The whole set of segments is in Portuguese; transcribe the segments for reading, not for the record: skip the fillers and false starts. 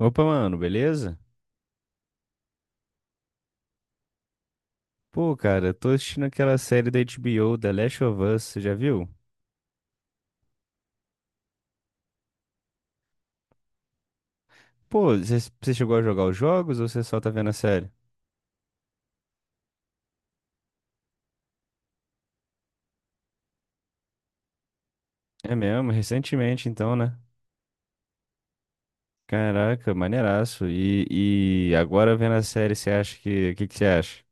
Opa, mano, beleza? Pô, cara, eu tô assistindo aquela série da HBO, The Last of Us, você já viu? Pô, você chegou a jogar os jogos ou você só tá vendo a série? É mesmo, recentemente então, né? Caraca, maneiraço. E agora vendo a série, você acha que... O que que você acha?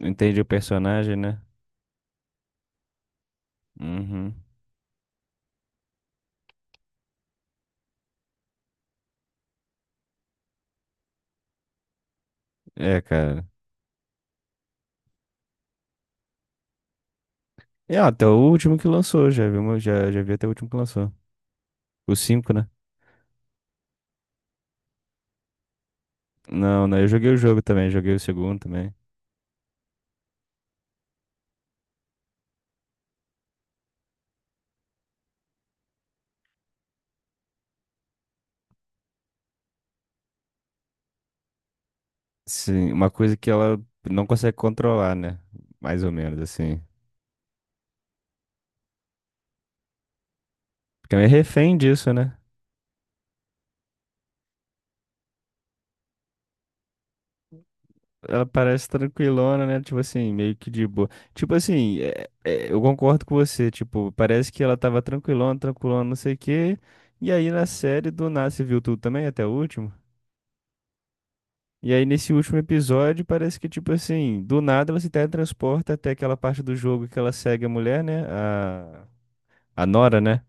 Entende o personagem, né? Uhum. É, cara. É, até o último que lançou, já vi, já vi até o último que lançou. O 5 né? Não, não, eu joguei o jogo também, joguei o segundo também. Sim, uma coisa que ela não consegue controlar, né? Mais ou menos, assim. Porque ela é refém disso, né? Ela parece tranquilona, né? Tipo assim, meio que de boa. Tipo assim, é, eu concordo com você. Tipo, parece que ela tava tranquilona, tranquilona, não sei o quê. E aí na série, do nada, você viu tudo também, até o último? E aí nesse último episódio, parece que, tipo assim, do nada ela se teletransporta até aquela parte do jogo que ela segue a mulher, né? A Nora, né?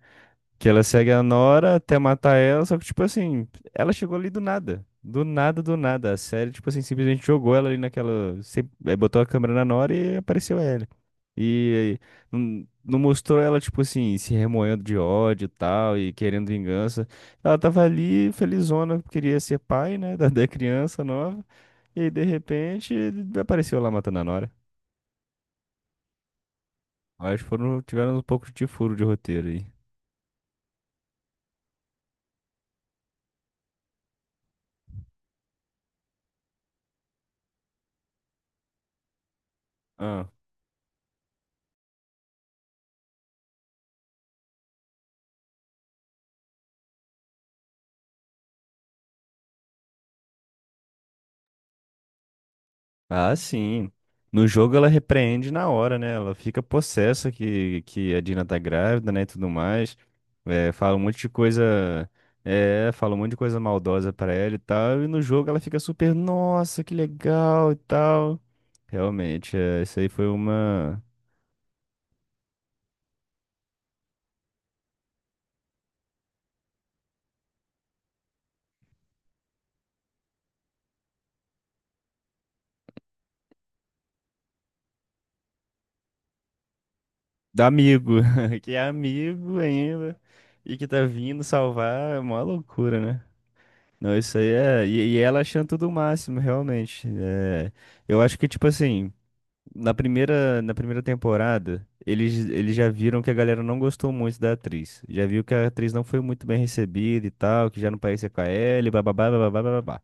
Que ela segue a Nora até matar ela, só que, tipo assim, ela chegou ali do nada. Do nada, do nada. A série, tipo assim, simplesmente jogou ela ali naquela. Botou a câmera na Nora e apareceu ela. E aí, não, não mostrou ela, tipo assim, se remoendo de ódio e tal, e querendo vingança. Ela tava ali, felizona, queria ser pai, né, da criança nova. E aí, de repente, apareceu lá matando a Nora. Acho que foram, tiveram um pouco de furo de roteiro aí. Ah. Ah, sim. No jogo ela repreende na hora, né? Ela fica possessa que a Dina tá grávida, né, e tudo mais. É, fala um monte de coisa, é, fala um monte de coisa maldosa pra ela e tal. E no jogo ela fica super, nossa, que legal e tal. Realmente, é, isso aí foi uma da amigo, que é amigo ainda e que tá vindo salvar, é uma loucura, né? Não, isso aí é, e ela achando tudo o máximo, realmente. É, eu acho que tipo assim, na primeira temporada, eles já viram que a galera não gostou muito da atriz. Já viu que a atriz não foi muito bem recebida e tal, que já não parecia com a Ellie, bababá, bababá, bababá.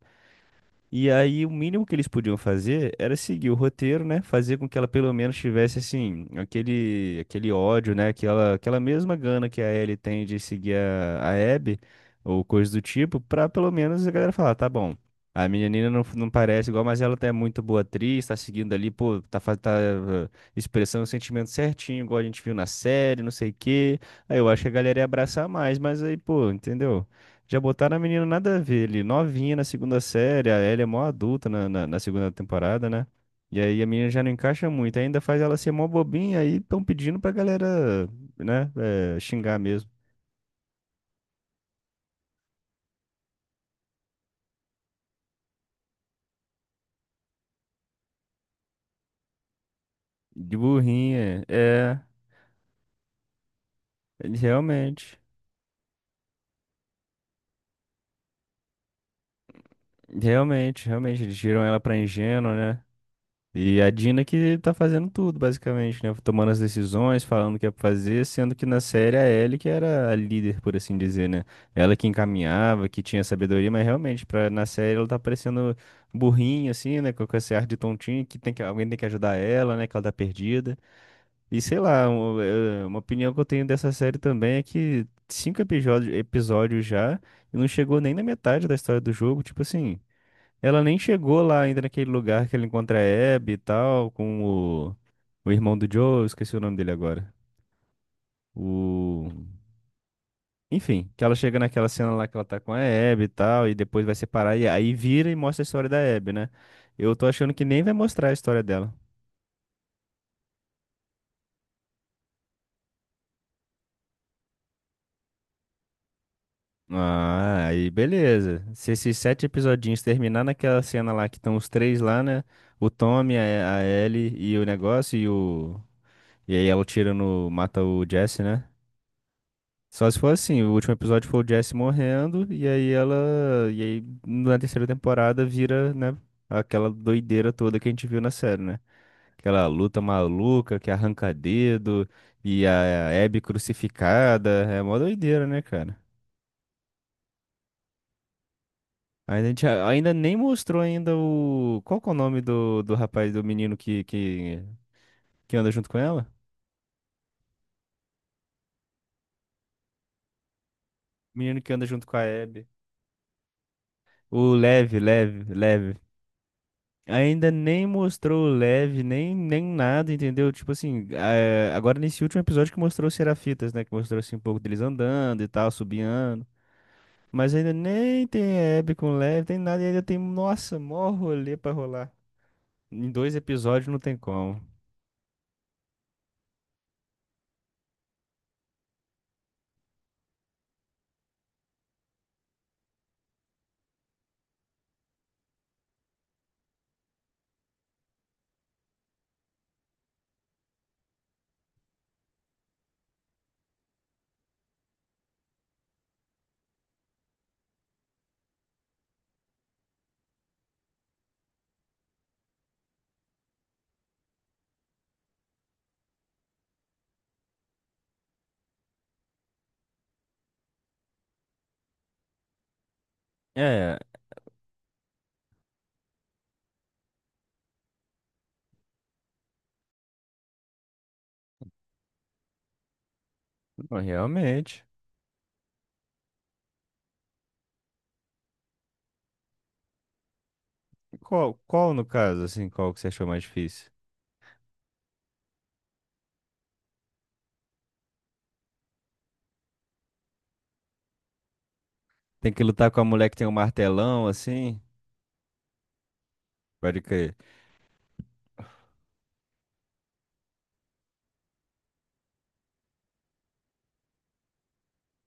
E aí o mínimo que eles podiam fazer era seguir o roteiro, né? Fazer com que ela pelo menos tivesse assim aquele ódio, né? Aquela mesma gana que a Ellie tem de seguir a Abby ou coisa do tipo, pra pelo menos a galera falar, tá bom. A menina não, não parece igual, mas ela é muito boa atriz, tá seguindo ali, pô, tá, tá eh, expressando o sentimento certinho, igual a gente viu na série, não sei o quê. Aí eu acho que a galera ia abraçar mais, mas aí, pô, entendeu? Já botaram a menina nada a ver ali, novinha na segunda série, a Ellie é mó adulta na segunda temporada, né? E aí a menina já não encaixa muito, ainda faz ela ser mó bobinha, aí estão pedindo pra galera, né, é, xingar mesmo. De burrinha, é, realmente, realmente, realmente, eles tiram ela pra ingênua, né? E a Dina que tá fazendo tudo, basicamente, né? Tomando as decisões, falando o que é pra fazer, sendo que na série a Ellie que era a líder, por assim dizer, né? Ela que encaminhava, que tinha sabedoria, mas realmente, pra, na série ela tá parecendo burrinha, assim, né? Com esse ar de tontinho, que, tem que alguém tem que ajudar ela, né? Que ela tá perdida. E sei lá, uma opinião que eu tenho dessa série também é que cinco episódios, episódios já, e não chegou nem na metade da história do jogo, tipo assim. Ela nem chegou lá ainda naquele lugar que ele encontra a Abby e tal, com o, o irmão do Joe, eu esqueci o nome dele agora. O... Enfim, que ela chega naquela cena lá que ela tá com a Abby e tal, e depois vai separar, e aí vira e mostra a história da Abby, né? Eu tô achando que nem vai mostrar a história dela. Ah, aí beleza. Se esses sete episodinhos terminar naquela cena lá que estão os três lá, né? O Tommy, a Ellie e o negócio, e o. E aí ela tira no. Mata o Jesse, né? Só se for assim, o último episódio foi o Jesse morrendo, e aí ela. E aí na terceira temporada vira, né, aquela doideira toda que a gente viu na série, né? Aquela luta maluca que arranca dedo e a Abby crucificada. É mó doideira, né, cara? Ainda, a gente, ainda nem mostrou ainda o. Qual que é o nome do rapaz, do menino que anda junto com ela? Menino que anda junto com a Abby. O Lev, Lev, Lev. Ainda nem mostrou o Lev, nem, nem nada, entendeu? Tipo assim, é, agora nesse último episódio que mostrou os Serafitas, né? Que mostrou assim um pouco deles andando e tal, subiando. Mas ainda nem tem Hebe com o Lev, tem nada, e ainda tem, nossa, mó rolê pra rolar. Em dois episódios não tem como. É, não, realmente. Qual, qual no caso, assim, qual que você achou mais difícil? Tem que lutar com a mulher que tem um martelão, assim? Pode crer.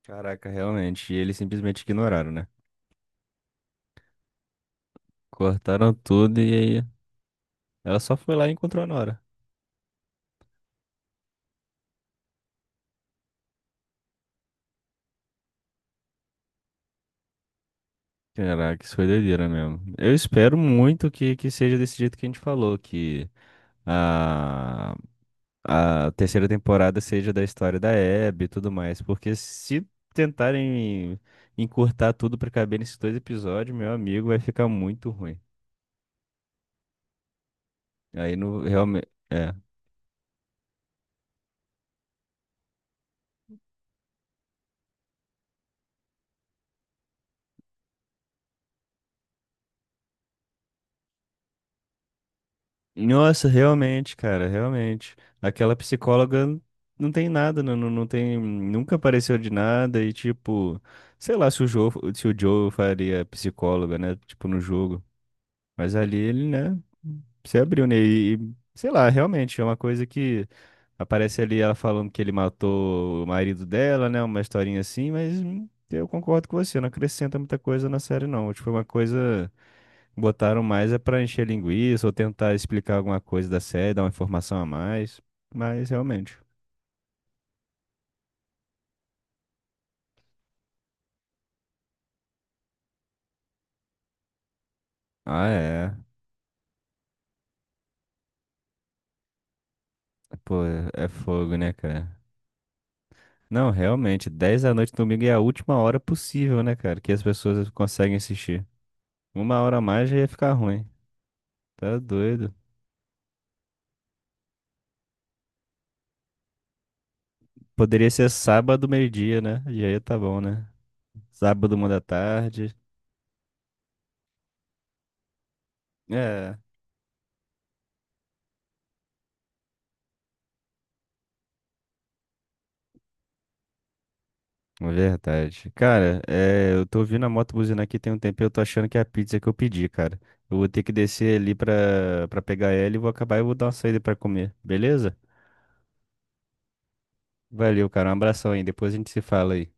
Caraca, realmente. E eles simplesmente ignoraram, né? Cortaram tudo e aí. Ela só foi lá e encontrou a Nora. Caraca, isso foi doideira mesmo. Eu espero muito que seja desse jeito que a gente falou, que a, a terceira temporada seja da história da Abby e tudo mais, porque se tentarem encurtar tudo pra caber nesses dois episódios, meu amigo, vai ficar muito ruim. Aí não realmente. Nossa, realmente, cara, realmente. Aquela psicóloga não tem nada, não, não tem, nunca apareceu de nada e tipo, sei lá se o Joe, se o Joe faria psicóloga, né, tipo no jogo. Mas ali ele, né, se abriu, né, e, sei lá, realmente é uma coisa que aparece ali ela falando que ele matou o marido dela, né, uma historinha assim, mas eu concordo com você, não acrescenta muita coisa na série não. Tipo, é uma coisa Botaram mais é pra encher linguiça ou tentar explicar alguma coisa da série, dar uma informação a mais. Mas realmente. Ah, é. Pô, é fogo, né, cara? Não, realmente, 10 da noite domingo é a última hora possível, né, cara? Que as pessoas conseguem assistir. Uma hora a mais já ia ficar ruim. Tá doido. Poderia ser sábado, meio-dia, né? E aí tá bom, né? Sábado, uma da tarde. É. É verdade. Cara, é, eu tô ouvindo a moto buzinar aqui tem um tempo e eu tô achando que é a pizza que eu pedi, cara. Eu vou ter que descer ali pra pegar ela e vou acabar e vou dar uma saída pra comer, beleza? Valeu, cara. Um abração aí. Depois a gente se fala aí.